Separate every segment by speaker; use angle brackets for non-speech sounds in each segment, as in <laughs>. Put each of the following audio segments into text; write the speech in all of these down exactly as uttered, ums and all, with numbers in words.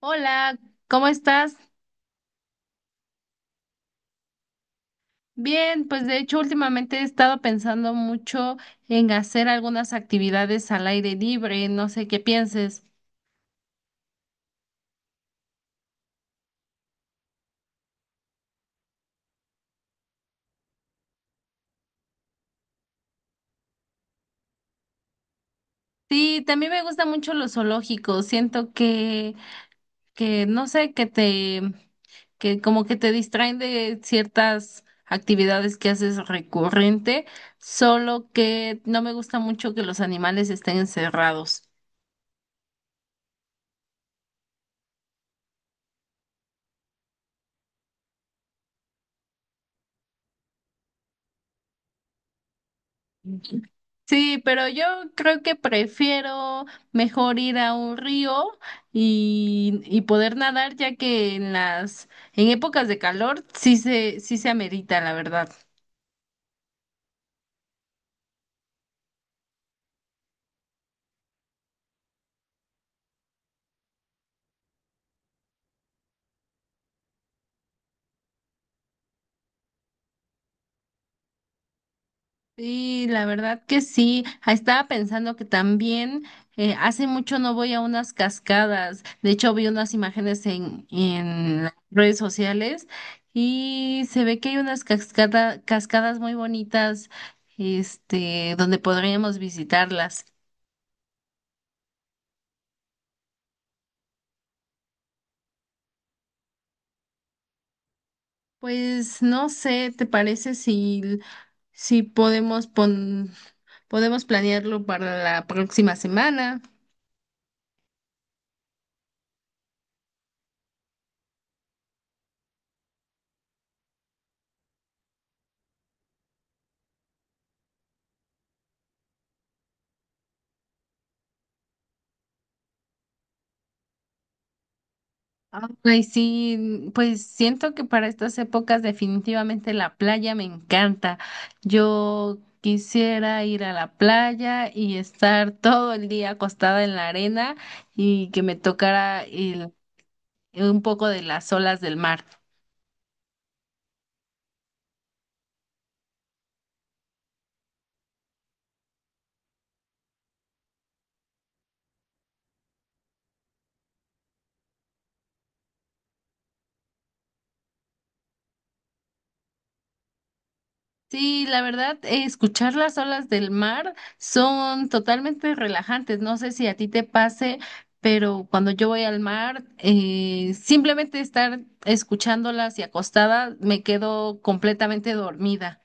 Speaker 1: Hola, ¿cómo estás? Bien, pues de hecho últimamente he estado pensando mucho en hacer algunas actividades al aire libre, no sé qué pienses. Sí, también me gustan mucho los zoológicos, siento que, que no sé, que te, que como que te distraen de ciertas actividades que haces recurrente, solo que no me gusta mucho que los animales estén encerrados. Sí, pero yo creo que prefiero mejor ir a un río y, y poder nadar, ya que en las, en épocas de calor sí se, sí se amerita, la verdad. Sí, la verdad que sí. Ah, estaba pensando que también eh, hace mucho no voy a unas cascadas. De hecho, vi unas imágenes en, en las redes sociales y se ve que hay unas cascada- cascadas muy bonitas, este, donde podríamos visitarlas. Pues no sé, ¿te parece si, si podemos pon- podemos planearlo para la próxima semana? Ay, sí, pues siento que para estas épocas definitivamente la playa me encanta. Yo quisiera ir a la playa y estar todo el día acostada en la arena y que me tocara el- un poco de las olas del mar. Sí, la verdad, eh, escuchar las olas del mar son totalmente relajantes. No sé si a ti te pase, pero cuando yo voy al mar, eh, simplemente estar escuchándolas y acostada, me quedo completamente dormida.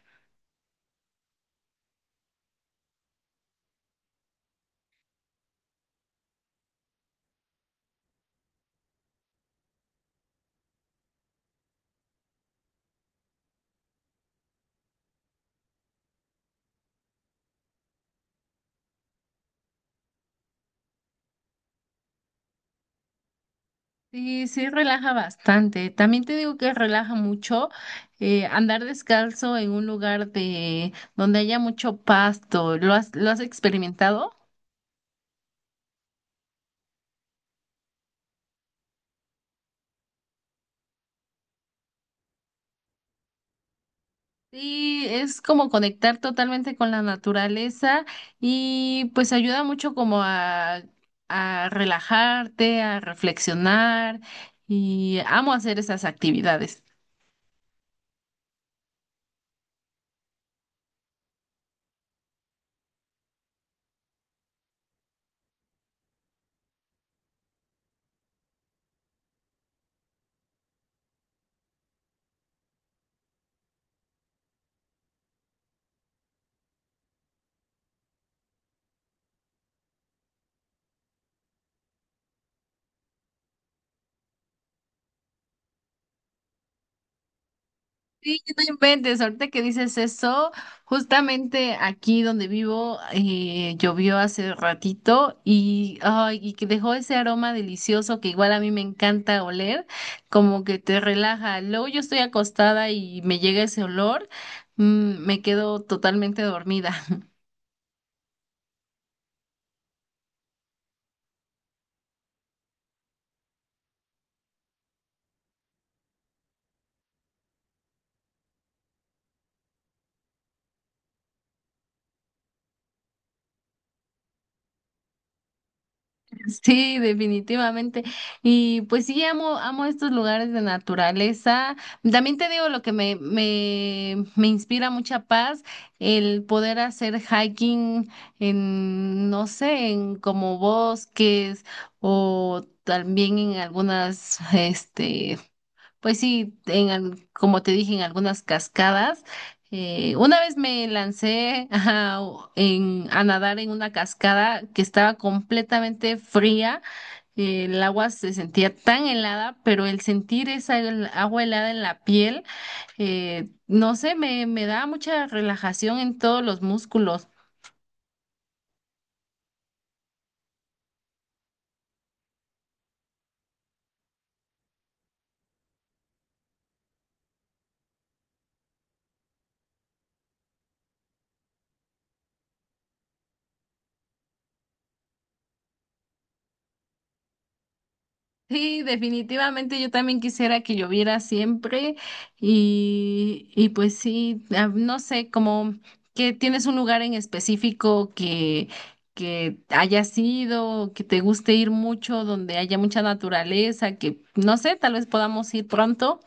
Speaker 1: Sí, sí, relaja bastante. También te digo que relaja mucho eh, andar descalzo en un lugar de donde haya mucho pasto. ¿Lo has, lo has experimentado? Sí, es como conectar totalmente con la naturaleza y pues ayuda mucho como a, a relajarte, a reflexionar y amo hacer esas actividades. Sí, no inventes, ahorita que dices eso, justamente aquí donde vivo eh, llovió hace ratito y, ay, y que dejó ese aroma delicioso que igual a mí me encanta oler, como que te relaja. Luego yo estoy acostada y me llega ese olor, mm, me quedo totalmente dormida. Sí, definitivamente. Y pues sí, amo, amo estos lugares de naturaleza. También te digo lo que me, me, me inspira mucha paz, el poder hacer hiking en, no sé, en como bosques o también en algunas, este, pues sí, en, al- como te dije, en algunas cascadas. Eh, una vez me lancé <laughs> a, en- a nadar en una cascada que estaba completamente fría. Eh, el agua se sentía tan helada, pero el sentir esa hel- agua helada en la piel, eh, no sé, me, me da mucha relajación en todos los músculos. Sí, definitivamente yo también quisiera que lloviera siempre y, y pues sí, ah, no sé, como que tienes un lugar en específico que, que hayas ido, que te guste ir mucho, donde haya mucha naturaleza, que no sé, tal vez podamos ir pronto.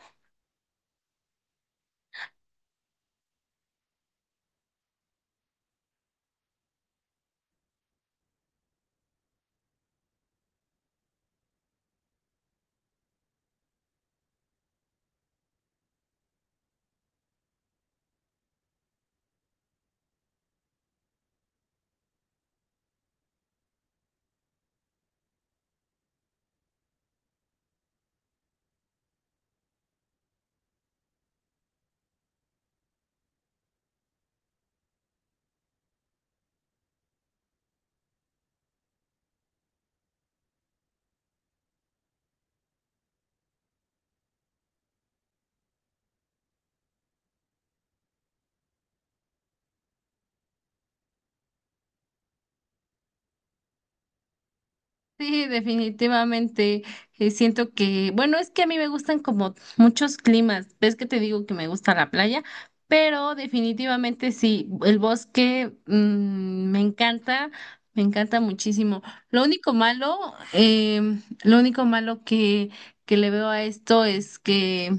Speaker 1: Sí, definitivamente. Eh, siento que, bueno, es que a mí me gustan como muchos climas. Ves que te digo que me gusta la playa, pero definitivamente sí, el bosque mm, me encanta, me encanta muchísimo. Lo único malo, em, lo único malo que, que le veo a esto es que,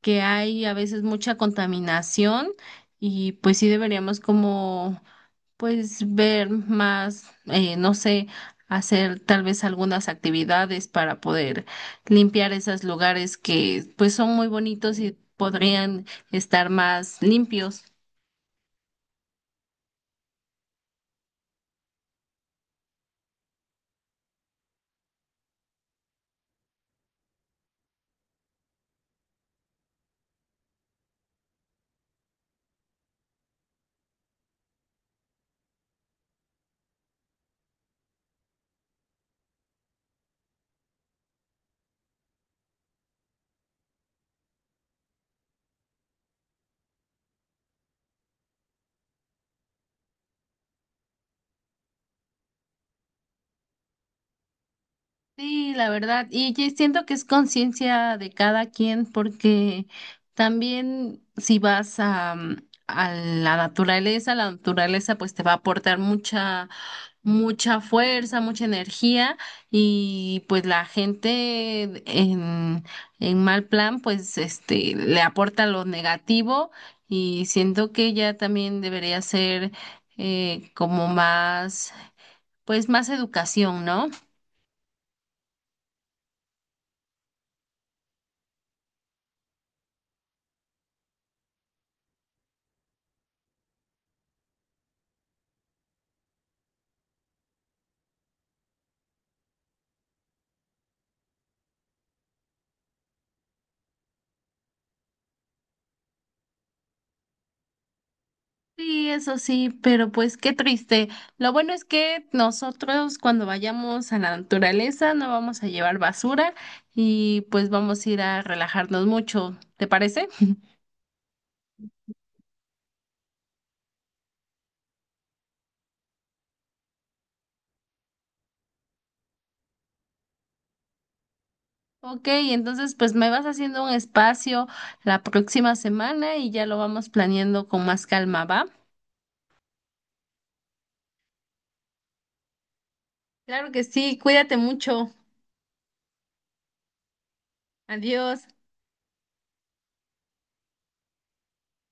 Speaker 1: que hay a veces mucha contaminación y pues sí deberíamos como pues ver más, eh, no sé, hacer tal vez algunas actividades para poder limpiar esos lugares que pues son muy bonitos y podrían estar más limpios. Sí, la verdad, y yo siento que es conciencia de cada quien porque también si vas a, mm, a la naturaleza, la naturaleza pues te va a aportar mucha, mucha fuerza, mucha energía y pues la gente en, en mal plan pues este le aporta lo negativo y siento que ya también debería ser eh, como más, pues más educación, ¿no? Sí, eso sí, pero pues qué triste. Lo bueno es que nosotros cuando vayamos a la naturaleza no vamos a llevar basura y pues vamos a ir a relajarnos mucho, ¿te parece? Ok, entonces pues me vas haciendo un espacio la próxima semana y ya lo vamos planeando con más calma, ¿va? Claro que sí, cuídate mucho. Adiós.